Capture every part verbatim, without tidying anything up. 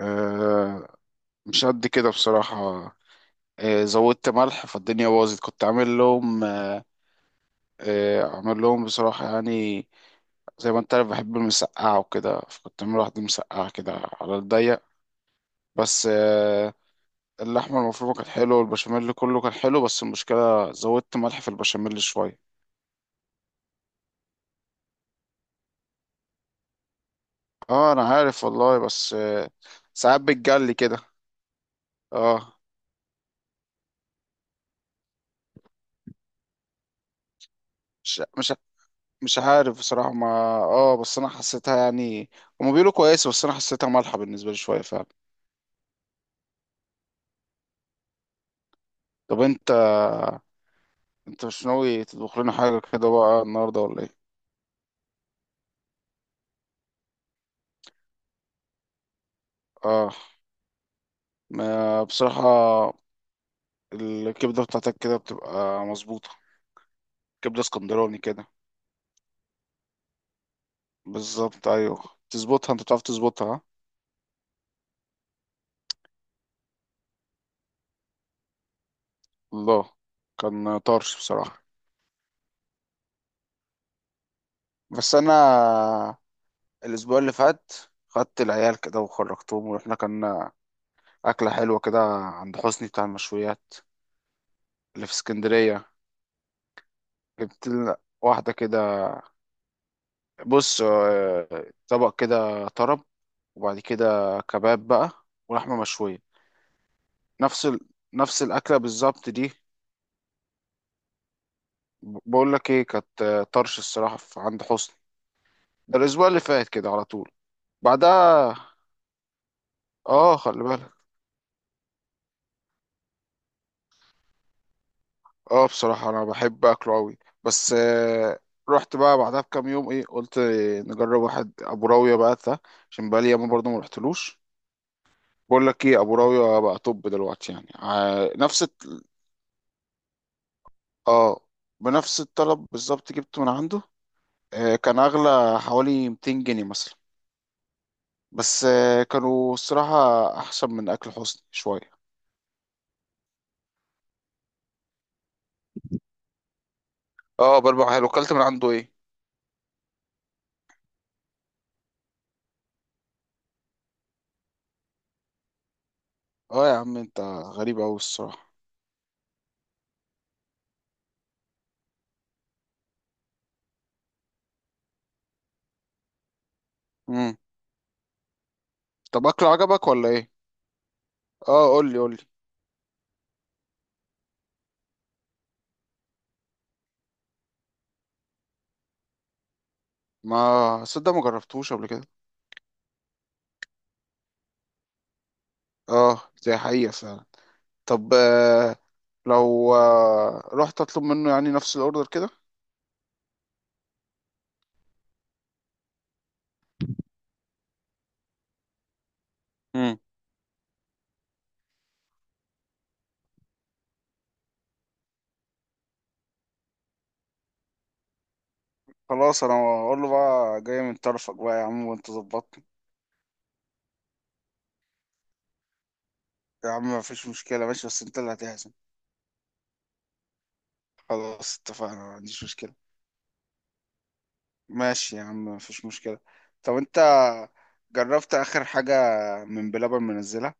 آه، مش قد كده بصراحة. آه زودت ملح فالدنيا باظت، كنت عامل لهم آه آه عامل لهم بصراحة يعني. زي ما انت عارف بحب المسقعة وكده، فكنت عامل واحدة مسقعة كده على الضيق. بس، آه اللحمة المفرومة كانت حلوة والبشاميل كله كان حلو، بس المشكلة زودت ملح في البشاميل شوية. اه انا عارف والله، بس آه ساعات بتجلي كده. اه، مش مش مش عارف بصراحة ما، اه بس انا حسيتها يعني. هما بيقولوا كويسة بس انا حسيتها مالحة بالنسبة لي شوية فعلا. طب انت انت مش ناوي تطبخ لنا حاجة كده بقى النهاردة ولا ايه؟ اه، ما بصراحة الكبدة بتاعتك كده بتبقى مظبوطة، كبدة اسكندراني كده. بالظبط ايوه. تظبطها، انت بتعرف تظبطها ها؟ الله، كان طرش بصراحة. بس انا الاسبوع اللي فات خدت العيال كده وخرجتهم ورحنا، كان أكلة حلوة كده عند حسني بتاع المشويات اللي في اسكندرية. جبت لنا واحدة كده، بص، آه، طبق كده طرب، وبعد كده كباب بقى ولحمة مشوية. نفس ال... نفس الأكلة بالظبط دي. ب- بقول لك ايه، كانت آه، طرش الصراحة في عند حسني، ده الأسبوع اللي فات كده على طول. بعدها اه خلي بالك. اه بصراحة أنا بحب أكله أوي، بس آه، رحت بقى بعدها بكام يوم، ايه قلت نجرب واحد أبو راوية بقى ده عشان بقالي ياما برضه ما رحتلوش. بقول لك ايه، ابو راوية بقى، طب دلوقتي يعني ع- نفس الت- اه بنفس الطلب بالظبط جبته من عنده، آه، كان اغلى حوالي مئتين جنيه مثلا، بس آه، كانوا الصراحة احسن من اكل حسني شوية. اه، بربع حلو، اكلت من عنده ايه؟ اه يا عم انت غريب اوي الصراحة. امم. طب اكله عجبك ولا ايه؟ اه، قول لي قول لي. ما صدق ما جربتوش قبل كده. اه دي حقيقة فعلا. طب، آه، لو آه، رحت اطلب منه يعني نفس الاوردر كده. خلاص انا هقول له بقى جاي من طرفك بقى يا عم، وانت ظبطني. يا عم مفيش مشكلة ماشي، بس انت اللي هتحزم. خلاص اتفقنا، ما عنديش مشكلة. ماشي يا عم، مفيش مشكلة. طب انت جربت اخر حاجة من بلبن منزلها؟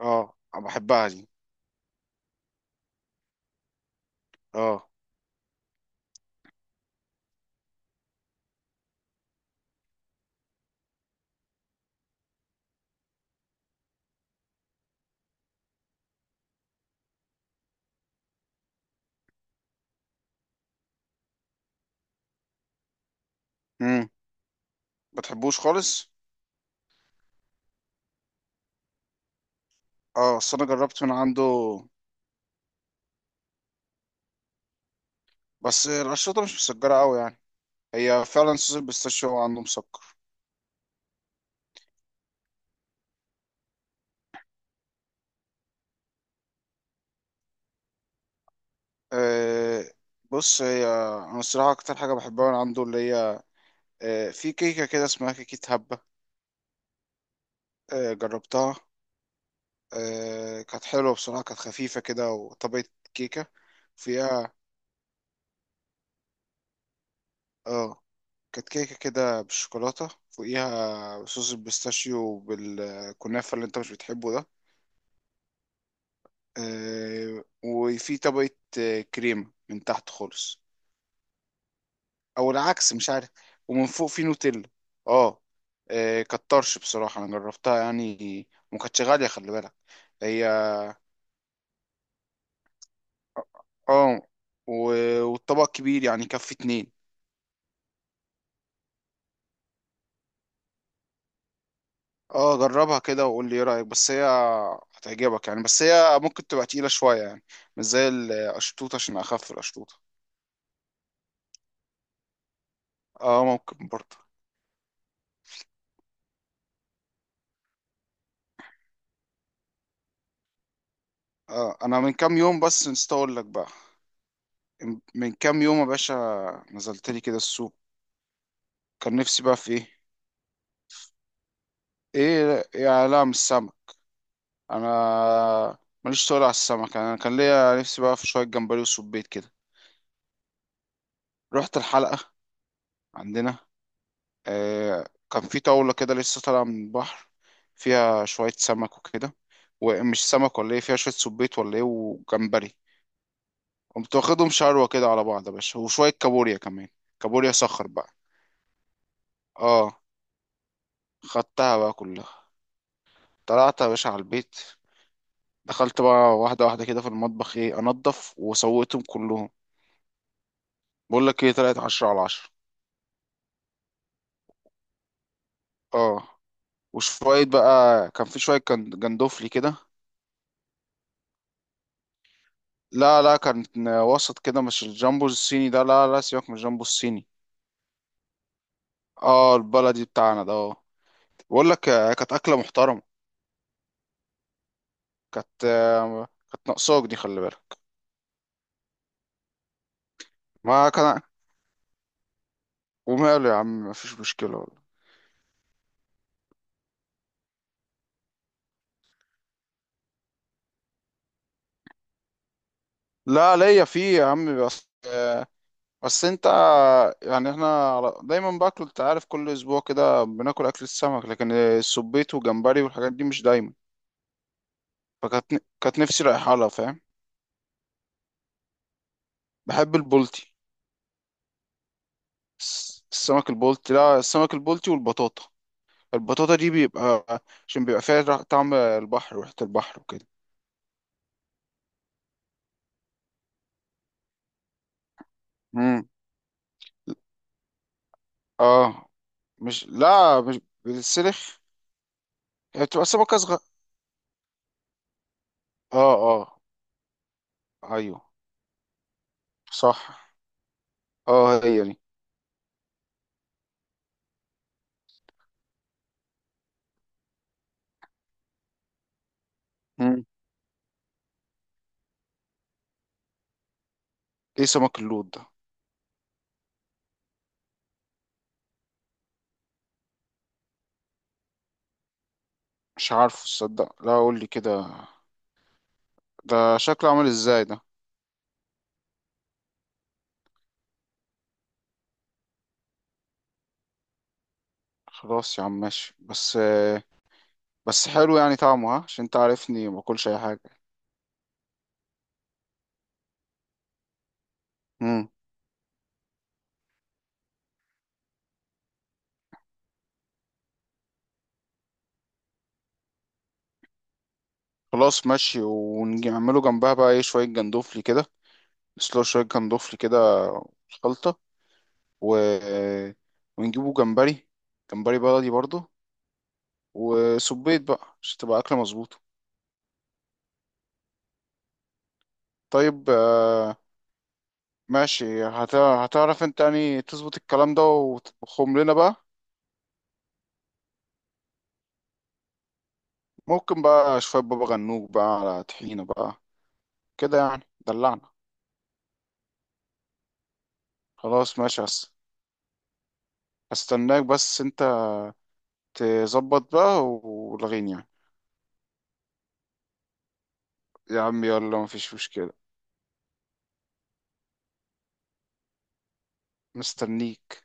اه أنا بحبها دي. اه. امم بتحبوش خالص. اه اصل انا جربت من عنده. بس القشطة مش مسكرة قوي يعني، هي فعلا صوص البيستاشيو هو عنده مسكر. أه بص، هي انا الصراحة اكتر حاجة بحبها من عنده اللي هي، آه، في كيكة كده، اسمها كيكة هبة. آه، جربتها. آه، كانت حلوة بصراحة، كانت خفيفة كده، وطبقة كيكة فيها. اه كانت كيكة كده بالشوكولاتة، فوقيها صوص البيستاشيو وبالكنافة اللي انت مش بتحبه ده، آه، وفي طبقة آه، كريمة من تحت خالص، او العكس مش عارف. ومن فوق في نوتيلا. اه. آه، كانت طرش بصراحة، انا جربتها يعني، وما كانتش غالية خلي بالك. هي، اه، و- والطبق كبير يعني، يكفي اتنين. اه جربها كده وقول لي ايه رأيك، بس هي هتعجبك يعني، بس هي ممكن تبقى تقيلة شوية يعني، مش زي القشطوطة عشان اخف القشطوطة. اه ممكن برضه. آه انا من كام يوم بس نسيت اقول لك بقى، من كام يوم يا باشا نزلت لي كده السوق، كان نفسي بقى في ايه. ايه؟ يا، لا مش سمك. انا ماليش، تقول على السمك؟ انا كان ليا نفسي بقى في شوية جمبري وسبيت كده. رحت الحلقة عندنا، آه، كان في طاولة كده لسه طالعة من البحر، فيها شوية سمك وكده، ومش سمك ولا ايه، فيها شوية سبيط ولا ايه وجمبري. قمت واخدهم شروة كده على بعض يا باشا، وشوية كابوريا كمان، كابوريا صخر بقى. اه، خدتها بقى كلها، طلعت يا باشا على البيت، دخلت بقى واحدة واحدة كده في المطبخ، ايه انضف، وسويتهم كلهم. بقول لك ايه، طلعت عشرة على عشرة. اه، وشوية بقى كان في شوية كان- جندوفلي كده. لا لا، كان وسط كده، مش الجامبو الصيني ده، لا لا سيبك من الجامبو الصيني. اه البلدي بتاعنا ده، اه. بقول لك، آه، كانت اكله محترمه، كانت آه، كانت ناقصاك دي، خلي بالك. ما كان، وماله يا عم، مفيش مشكله والله. لا ليا فيه يا عم، بس آه، بس انت يعني، احنا على- دايما باكل، انت عارف، كل اسبوع كده بناكل اكل السمك، لكن السبيط وجمبري والحاجات دي مش دايما. فكانت ن- كانت نفسي رايحه لها، فاهم. بحب البولتي. الس- السمك البلطي، لا السمك البلطي والبطاطا. البطاطا دي بيبقى، عشان بيبقى فيها رح- طعم البحر وريحة البحر وكده. امم. اه، مش، لا مش بالسلخ. هي بتبقى سمكة صغيرة. اه اه. ايوه. صح. اه هي دي. مم. ايه سمك اللود ده؟ مش عارفه، تصدق؟ لا قول لي كده، ده شكله عامل ازاي ده؟ خلاص يا عم ماشي، بس، آه، بس حلو يعني طعمه، ها؟ عشان انت عارفني ما باكلش اي حاجة. خلاص ماشي، ونعمله جنبها بقى ايه، شوية جندوفلي كده، نسلق شوية جندوفلي كده، خلطة، و... ونجيبه جمبري، جمبري بلدي برضه، وسبيت بقى عشان تبقى أكلة مظبوطة. طيب، آه، ماشي، هت... هتعرف انت يعني تظبط الكلام ده وتطبخهم لنا بقى. ممكن بقى شوية بابا غنوج بقى على طحينة بقى، كده يعني دلعنا. خلاص ماشي، هس... هستناك، بس انت تظبط بقى ولغيني يعني. يا عم يلا مفيش مشكلة، مستنيك.